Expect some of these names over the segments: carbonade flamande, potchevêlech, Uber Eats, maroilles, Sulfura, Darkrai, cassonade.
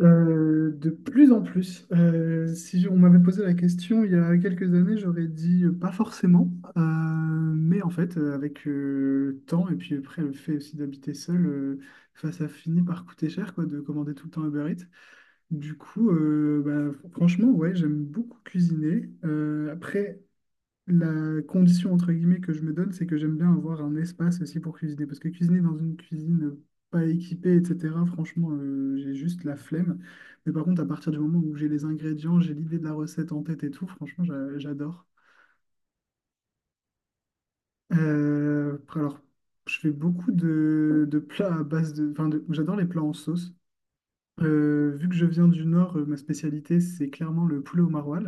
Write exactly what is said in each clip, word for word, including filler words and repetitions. Euh, de plus en plus. Euh, si on m'avait posé la question il y a quelques années, j'aurais dit euh, pas forcément. Euh, mais en fait, euh, avec euh, le temps et puis après le fait aussi d'habiter seul, euh, enfin, ça finit par coûter cher quoi, de commander tout le temps Uber Eats. Du coup, euh, bah, franchement, ouais, j'aime beaucoup cuisiner. Euh, après, la condition entre guillemets que je me donne, c'est que j'aime bien avoir un espace aussi pour cuisiner. Parce que cuisiner dans une cuisine pas équipée, et cetera, franchement, euh, j'ai juste la flemme. Mais par contre, à partir du moment où j'ai les ingrédients, j'ai l'idée de la recette en tête et tout, franchement, j'a- j'adore. Euh, alors, je fais beaucoup de, de plats à base de... Enfin, de- j'adore les plats en sauce. Euh, vu que je viens du Nord, euh, ma spécialité, c'est clairement le poulet au maroilles.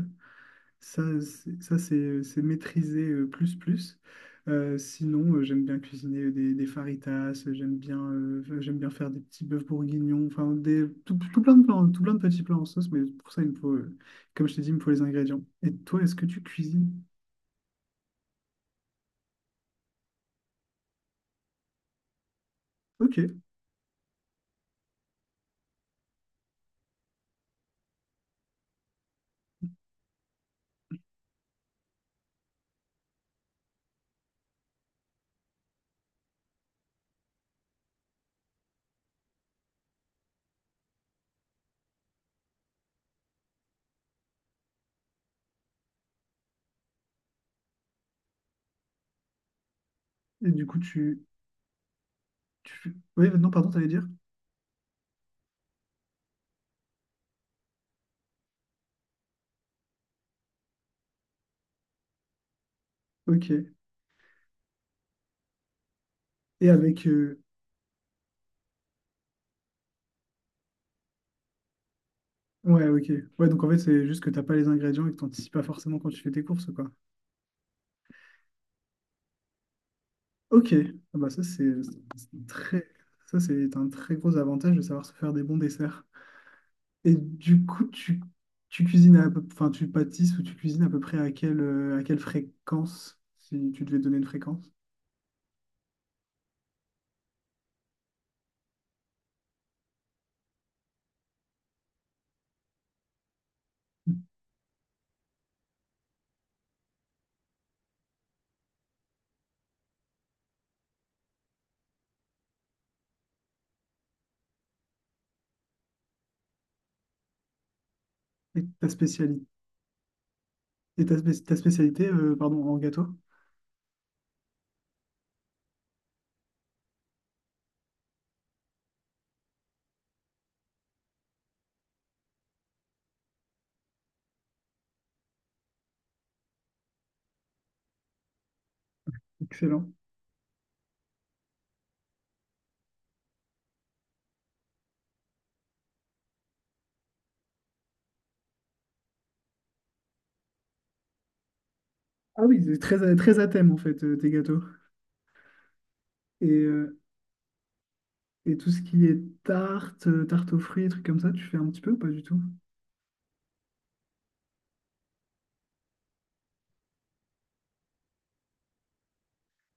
Ça, c'est ça, c'est- euh, c'est maîtrisé euh, plus plus. Euh, sinon, euh, j'aime bien cuisiner euh, des, des faritas euh, j'aime bien, euh, f- j'aime bien faire des petits bœufs bourguignons, enfin des, tout, tout plein de plans, tout plein de petits plats en sauce, mais pour ça, il me faut, euh, comme je t'ai dit, il me faut les ingrédients. Et toi, est-ce que tu cuisines? Ok. Et du coup, tu, tu... Oui, non, pardon, t'allais dire? Ok. Et avec... euh, Ouais, ok. Ouais, donc en fait, c'est juste que t'as pas les ingrédients et que t'anticipes pas forcément quand tu fais tes courses, quoi. Ok, ah bah ça c'est c'est un très, ça c'est un très gros avantage de savoir se faire des bons desserts. Et du coup, tu, tu cuisines à peu, enfin tu pâtisses ou tu cuisines à peu près à quelle, euh, à quelle fréquence, si tu devais donner une fréquence. Et ta spécialité, et ta, spé- Ta spécialité, euh, pardon, en gâteau? Excellent. Ah oui, c'est très, à- très à thème en fait, euh, tes gâteaux. Et, euh, Et tout ce qui est tarte, euh, tarte aux fruits, trucs comme ça, tu fais un petit peu ou pas du tout?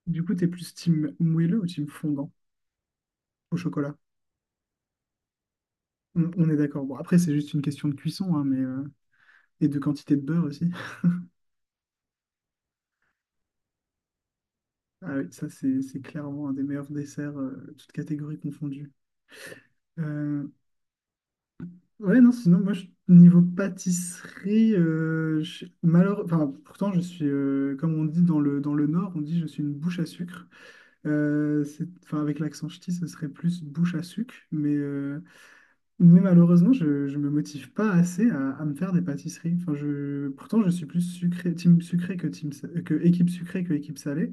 Du coup, t'es plus team moelleux ou team fondant au chocolat? On, on est d'accord. Bon, après, c'est juste une question de cuisson, hein, mais, euh, et de quantité de beurre aussi. Ah oui, ça, c'est c'est clairement un des meilleurs desserts, euh, toutes catégories confondues. Euh, ouais, non, sinon, moi, je- niveau pâtisserie, euh, je- malheure- enfin, pourtant, je suis, euh, comme on dit dans le, dans le Nord, on dit je suis une bouche à sucre. Euh, c'est- enfin, avec l'accent ch'ti, ce serait plus bouche à sucre, mais, euh, mais malheureusement, je, je me motive pas assez à, à me faire des pâtisseries. Enfin, je, pourtant, je suis plus sucré, team sucré que team, sa- que équipe sucrée que équipe salée.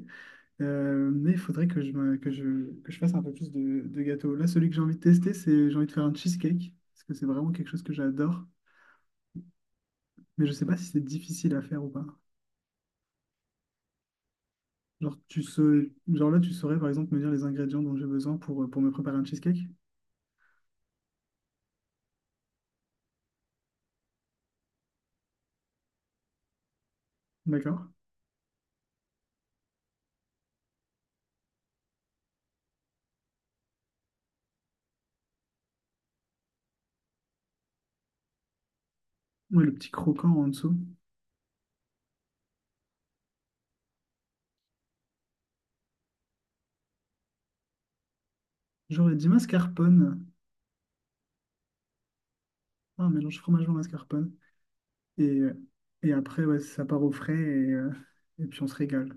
Euh, mais il faudrait que je, me- que je, que je fasse un peu plus de, de gâteaux. Là, celui que j'ai envie de tester, c'est j'ai envie de faire un cheesecake parce que c'est vraiment quelque chose que j'adore. Mais je sais pas si c'est difficile à faire ou pas. Genre, tu sais, genre là, tu saurais par exemple me dire les ingrédients dont j'ai besoin pour, pour me préparer un cheesecake. D'accord? Ouais, le petit croquant en dessous. J'aurais dit mascarpone. Ah, un mélange fromage blanc mascarpone. Et, et après, ouais, ça part au frais et, euh, et puis on se régale.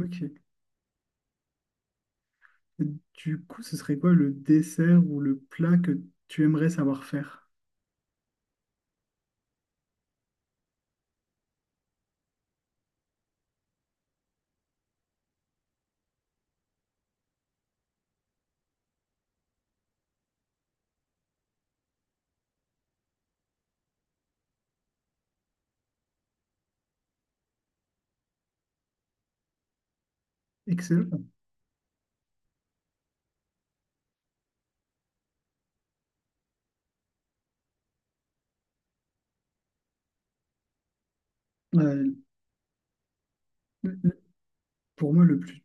Ok. Et du coup, ce serait quoi le dessert ou le plat que tu aimerais savoir faire? Excellent. Euh, le- le- pour moi, le plus,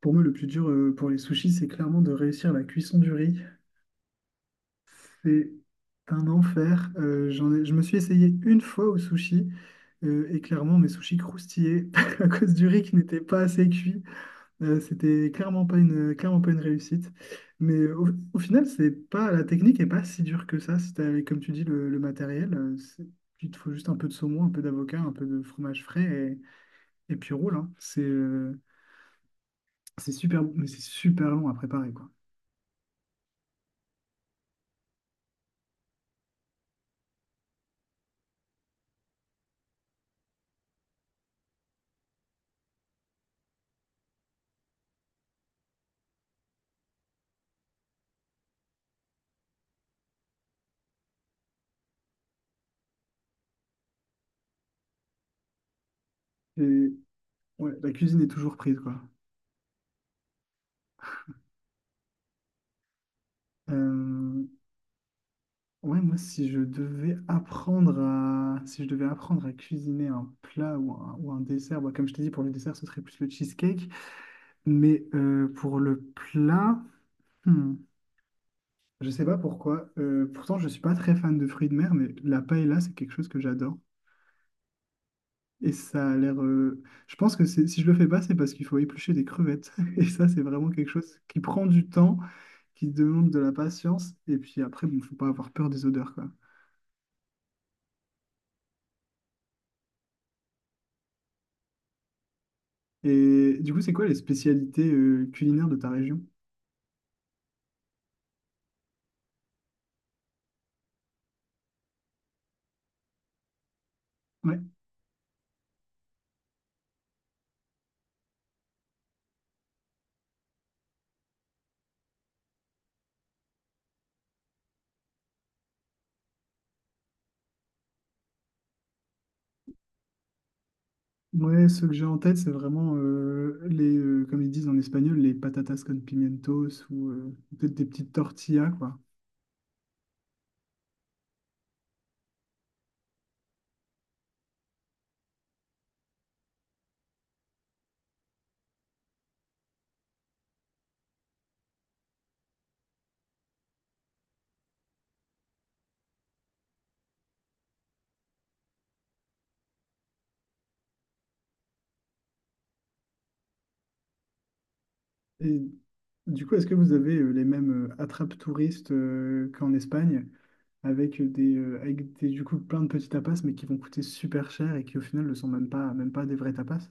pour moi, le plus dur euh, pour les sushis, c'est clairement de réussir la cuisson du riz. C'est un enfer. Euh, j'en ai- je me suis essayé une fois au sushi euh, et clairement, mes sushis croustillaient à cause du riz qui n'était pas assez cuit. Euh, c'était clairement pas une, clairement pas une réussite. Mais au, au final, c'est pas, la technique est pas si dure que ça. Si t'as, avec, comme tu dis, le, le matériel, euh, c'est- il te faut juste un peu de saumon, un peu d'avocat, un peu de fromage frais et, et puis roule, hein. C'est euh, c'est super bon, mais c'est super long à préparer, quoi. Et ouais, la cuisine est toujours prise, quoi. Euh, ouais, Moi, si je devais apprendre à, si je devais apprendre à cuisiner un plat ou un, ou un dessert, bah, comme je t'ai dit, pour le dessert, ce serait plus le cheesecake. Mais euh, pour le plat, hmm, je sais pas pourquoi. Euh, pourtant, je suis pas très fan de fruits de mer, mais la paella, c'est quelque chose que j'adore. Et ça a l'air. Euh, je pense que c'est- si je le fais pas, c'est parce qu'il faut éplucher des crevettes. Et ça, c'est vraiment quelque chose qui prend du temps, qui demande de la patience. Et puis après, bon, faut pas avoir peur des odeurs, quoi. Et du coup, c'est quoi les spécialités euh, culinaires de ta région? Ouais. Ouais, ceux que j'ai en tête, c'est vraiment euh, les, euh, comme ils disent en espagnol, les patatas con pimientos ou euh, peut-être des petites tortillas, quoi. Et du coup, est-ce que vous avez euh, les mêmes euh, attrapes touristes euh, qu'en Espagne, avec des, euh, avec des, du coup plein de petits tapas, mais qui vont coûter super cher et qui au final ne sont même pas, même pas des vrais tapas?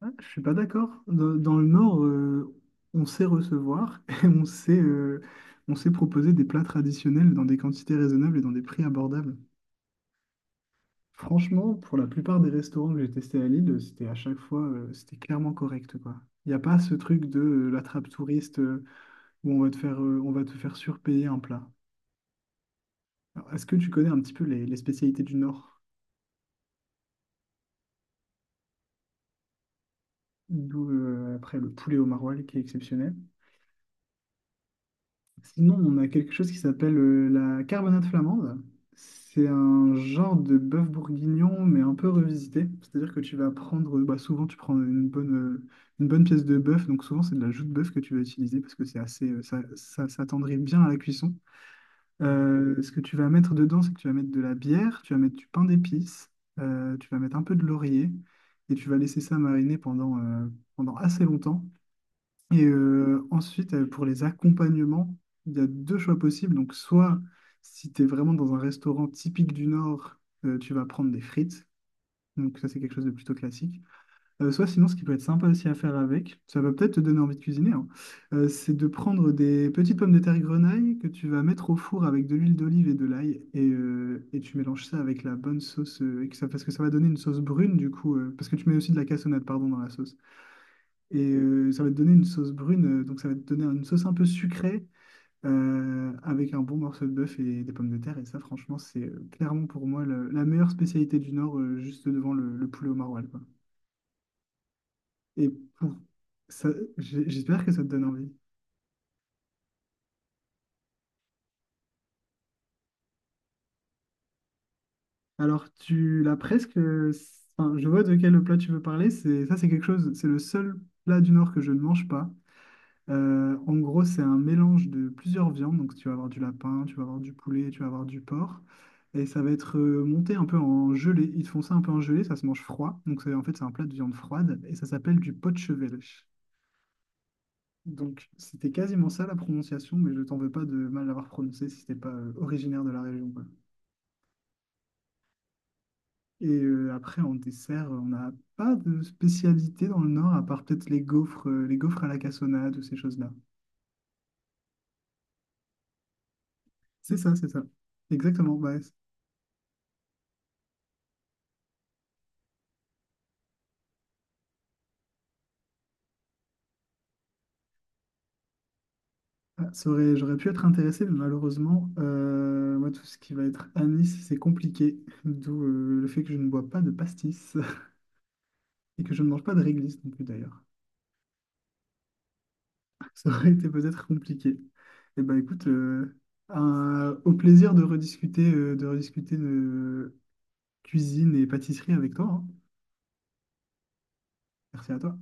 Ah, je suis pas d'accord. Dans, dans le Nord, euh, on sait recevoir et on sait, euh, on sait proposer des plats traditionnels dans des quantités raisonnables et dans des prix abordables. Franchement, pour la plupart des restaurants que j'ai testés à Lille, c'était à chaque fois, euh, c'était clairement correct, quoi. Il n'y a pas ce truc de euh, la trappe touriste euh, où on va te faire, euh, on va te faire surpayer un plat. Alors, est-ce que tu connais un petit peu les, les spécialités du Nord? D'où euh, après le poulet au maroilles qui est exceptionnel. Sinon, on a quelque chose qui s'appelle euh, la carbonade flamande. C'est un genre de bœuf bourguignon, mais un peu revisité. C'est-à-dire que tu vas prendre, euh, bah, souvent tu prends une bonne, euh, une bonne pièce de bœuf, donc souvent c'est de la joue de bœuf que tu vas utiliser parce que c'est assez, euh, ça, ça s'attendrit bien à la cuisson. Euh, ce que tu vas mettre dedans, c'est que tu vas mettre de la bière, tu vas mettre du pain d'épices, euh, tu vas mettre un peu de laurier et tu vas laisser ça mariner pendant, euh, pendant assez longtemps. Et euh, ensuite, euh, pour les accompagnements, il y a deux choix possibles. Donc, soit si tu es vraiment dans un restaurant typique du Nord, euh, tu vas prendre des frites. Donc, ça, c'est quelque chose de plutôt classique. Euh, soit sinon, ce qui peut être sympa aussi à faire avec, ça va peut-être te donner envie de cuisiner, hein, euh, c'est de prendre des petites pommes de terre grenaille que tu vas mettre au four avec de l'huile d'olive et de l'ail. Et, euh, et tu mélanges ça avec la bonne sauce, euh, et que ça- parce que ça va donner une sauce brune, du coup, euh, parce que tu mets aussi de la cassonade, pardon, dans la sauce. Et euh, ça va te donner une sauce brune, euh, donc ça va te donner une sauce un peu sucrée euh, avec un bon morceau de bœuf et des pommes de terre. Et ça, franchement, c'est euh, clairement pour moi le- la meilleure spécialité du Nord, euh, juste devant le, le poulet au maroilles, quoi. Et pour ça, j'ai- J'espère que ça te donne envie. Alors, tu l'as presque. euh, Enfin, je vois de quel plat tu veux parler. C'est ça, c'est quelque chose. C'est le seul plat du Nord que je ne mange pas. Euh, en gros, c'est un mélange de plusieurs viandes. Donc, tu vas avoir du lapin, tu vas avoir du poulet, tu vas avoir du porc. Et ça va être euh, monté un peu en gelée. Ils te font ça un peu en gelée, ça se mange froid. Donc, c'est- en fait, c'est un plat de viande froide et ça s'appelle du potchevêlech. Donc, c'était quasiment ça la prononciation, mais je t'en veux pas de mal l'avoir prononcé si t'es pas euh, originaire de la région, quoi. Et euh, après, en dessert, on n'a pas de spécialité dans le Nord, à part peut-être les gaufres, euh, les gaufres à la cassonade ou ces choses-là. C'est ça, c'est ça. Exactement, ouais. Ah, ça aurait- j'aurais pu être intéressé, mais malheureusement, euh, moi, tout ce qui va être anis, c'est compliqué. D'où euh, le fait que je ne bois pas de pastis et que je ne mange pas de réglisse non plus d'ailleurs. Ça aurait été peut-être compliqué. Eh ben écoute, euh, un- au plaisir de rediscuter, euh, de rediscuter de cuisine et pâtisserie avec toi. Hein. Merci à toi.